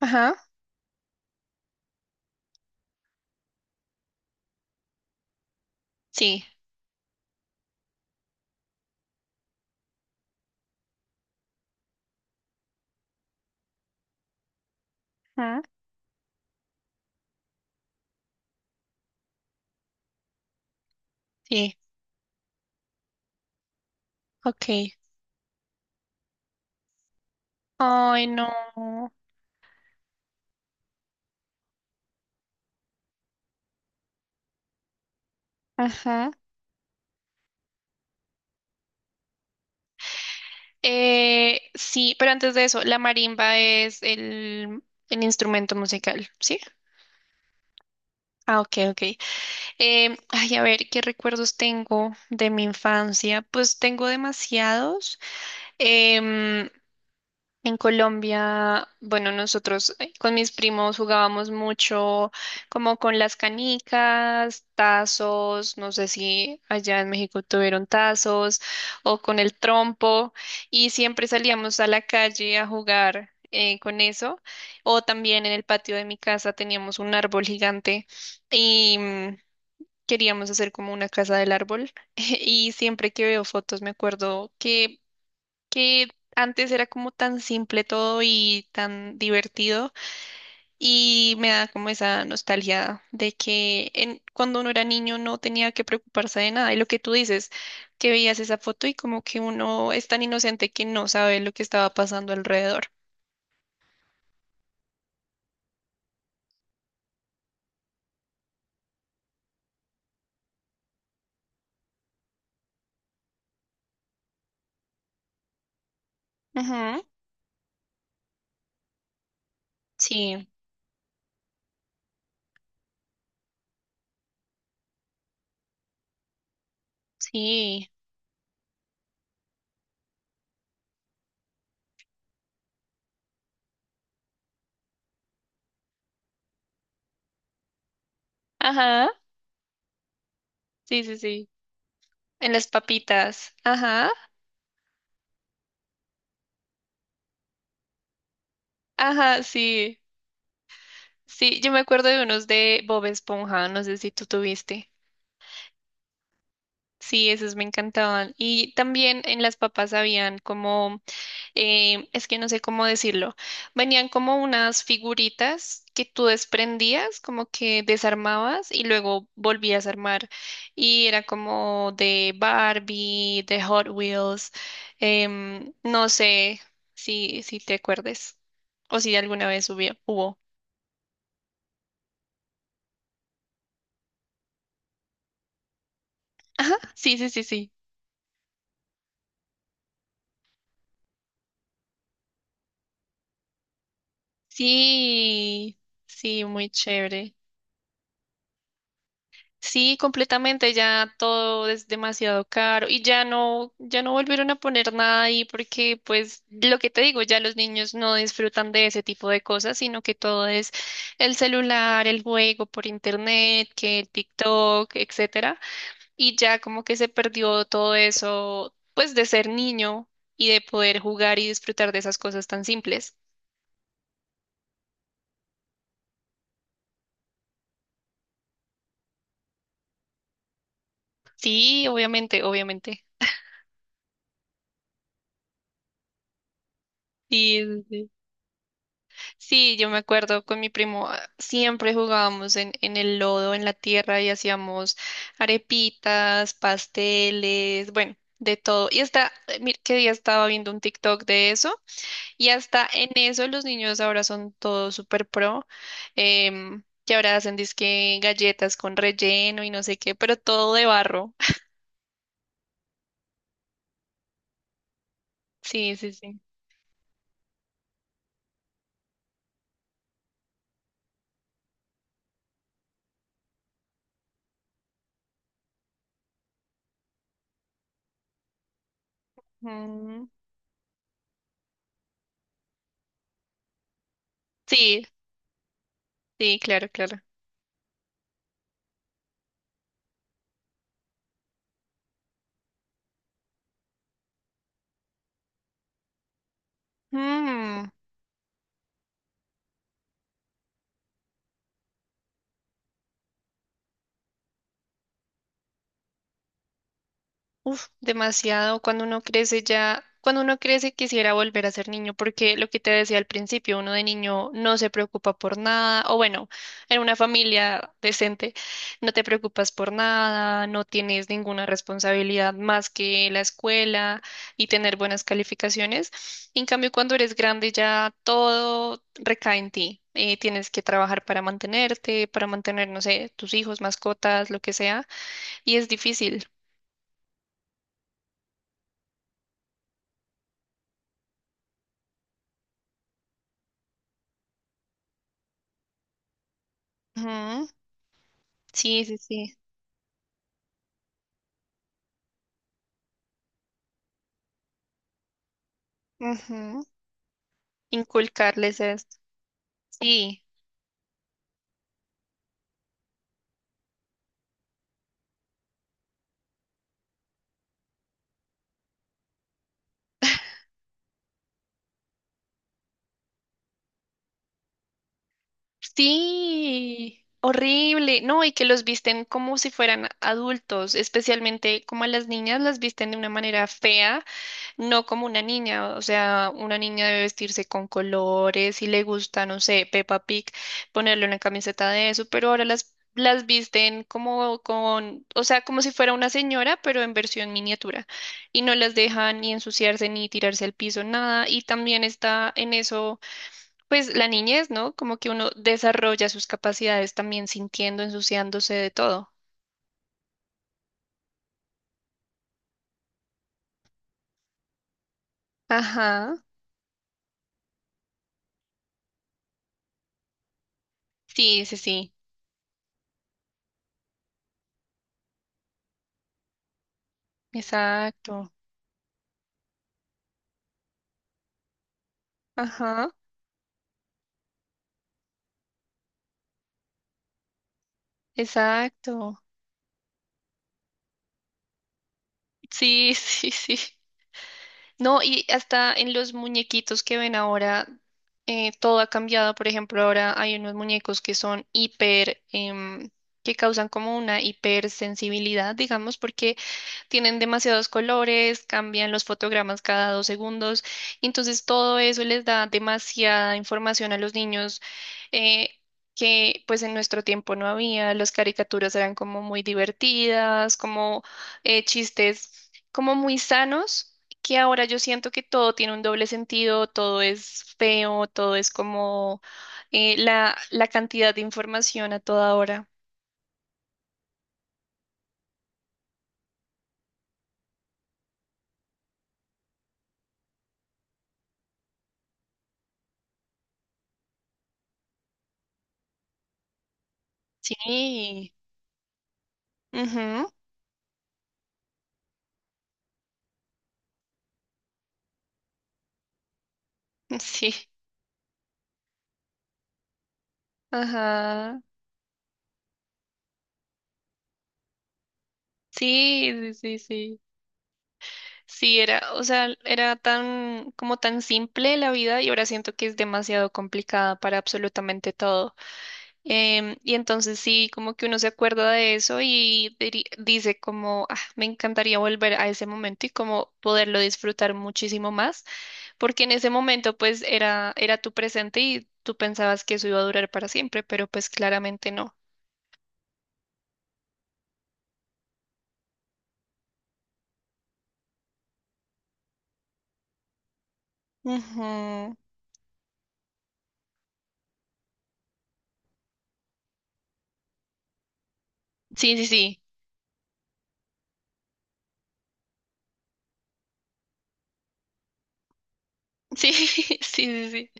Ajá. Sí, ajá. Sí, ok. Ay, no. Ajá. Sí, pero antes de eso, la marimba es el instrumento musical, ¿sí? Ah, ok, ok. Ay, a ver, ¿qué recuerdos tengo de mi infancia? Pues tengo demasiados. Em, En Colombia, bueno, nosotros con mis primos jugábamos mucho como con las canicas, tazos, no sé si allá en México tuvieron tazos, o con el trompo, y siempre salíamos a la calle a jugar con eso, o también en el patio de mi casa teníamos un árbol gigante, y queríamos hacer como una casa del árbol y siempre que veo fotos me acuerdo que antes era como tan simple todo y tan divertido. Y me da como esa nostalgia de que, cuando uno era niño, no tenía que preocuparse de nada, y lo que tú dices, que veías esa foto y como que uno es tan inocente que no sabe lo que estaba pasando alrededor. Ujú. Sí, sí, ajá. Sí, sí, sí, en las papitas, ajá. Ajá. Sí, sí, yo me acuerdo de unos de Bob Esponja, no sé si tú tuviste. Sí, esos me encantaban. Y también en las papas habían como, es que no sé cómo decirlo, venían como unas figuritas que tú desprendías, como que desarmabas y luego volvías a armar. Y era como de Barbie, de Hot Wheels, no sé si te acuerdes, o si alguna vez hubo. Ajá, sí, sí, sí, sí. Sí, sí, muy chévere. Sí, completamente, ya todo es demasiado caro, y ya no volvieron a poner nada ahí, porque pues lo que te digo, ya los niños no disfrutan de ese tipo de cosas, sino que todo es el celular, el juego por internet, que el TikTok, etcétera, y ya como que se perdió todo eso, pues de ser niño y de poder jugar y disfrutar de esas cosas tan simples. Sí, obviamente, obviamente. Sí, sí, sí. Sí, yo me acuerdo con mi primo, ah, siempre jugábamos en el lodo, en la tierra, y hacíamos arepitas, pasteles, bueno, de todo. Y hasta, mira, qué día estaba viendo un TikTok de eso, y hasta en eso los niños ahora son todos súper pro, que ahora hacen disque galletas con relleno y no sé qué, pero todo de barro. Sí, sí, sí. Mm. Sí, sí, claro, claro. Mm. Uf, demasiado. Cuando uno crece ya, cuando uno crece quisiera volver a ser niño, porque lo que te decía al principio, uno de niño no se preocupa por nada, o bueno, en una familia decente no te preocupas por nada, no tienes ninguna responsabilidad más que la escuela y tener buenas calificaciones. En cambio, cuando eres grande, ya todo recae en ti. Tienes que trabajar para mantenerte, para mantener, no sé, tus hijos, mascotas, lo que sea, y es difícil. Ujú. Sí, sí, sí. Ujú. Inculcarles esto. Sí, sí, horrible. No, y que los visten como si fueran adultos, especialmente como a las niñas las visten de una manera fea. No como una niña, o sea, una niña debe vestirse con colores, si le gusta, no sé, Peppa Pig, ponerle una camiseta de eso, pero ahora las visten como con, o sea, como si fuera una señora, pero en versión miniatura, y no las dejan ni ensuciarse ni tirarse al piso, nada, y también está en eso, pues la niñez, ¿no? Como que uno desarrolla sus capacidades también sintiendo, ensuciándose de todo. Ajá, sí, sí, sí, exacto, ajá, exacto. Sí, sí, sí. No, y hasta en los muñequitos que ven ahora, todo ha cambiado. Por ejemplo, ahora hay unos muñecos que son hiper, que causan como una hipersensibilidad, digamos, porque tienen demasiados colores, cambian los fotogramas cada dos segundos, y entonces todo eso les da demasiada información a los niños, eh, que pues en nuestro tiempo no había. Las caricaturas eran como muy divertidas, como chistes como muy sanos, que ahora yo siento que todo tiene un doble sentido, todo es feo, todo es como la, cantidad de información a toda hora. Sí, ujú, sí, ajá. Sí, sí, sí, sí. Sí, era, o sea, era tan, como tan simple la vida, y ahora siento que es demasiado complicada para absolutamente todo. Y entonces sí, como que uno se acuerda de eso y dice como, "Ah, me encantaría volver a ese momento y como poderlo disfrutar muchísimo más, porque en ese momento pues era tu presente, y tú pensabas que eso iba a durar para siempre, pero pues claramente no". Ujú. Sí, sí, sí. Sí, sí, sí, sí.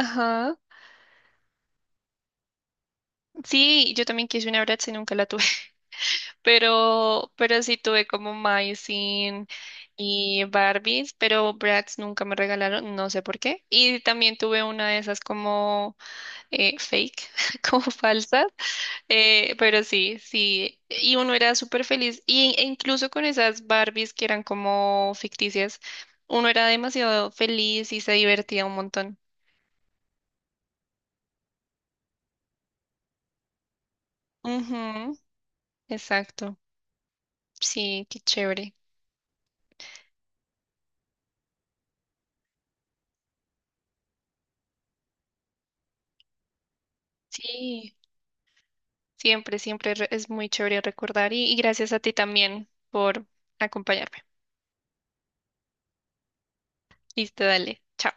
Ajá. Sí, yo también quise una Bratz y nunca la tuve, pero sí tuve como Mycin y Barbies, pero Bratz nunca me regalaron, no sé por qué. Y también tuve una de esas como fake, como falsas, pero sí, sí. Y uno era súper feliz, e incluso con esas Barbies que eran como ficticias, uno era demasiado feliz y se divertía un montón. Ujú, exacto, sí, qué chévere. Sí. Siempre, siempre es muy chévere recordar, y gracias a ti también por acompañarme. Listo, dale. Chao.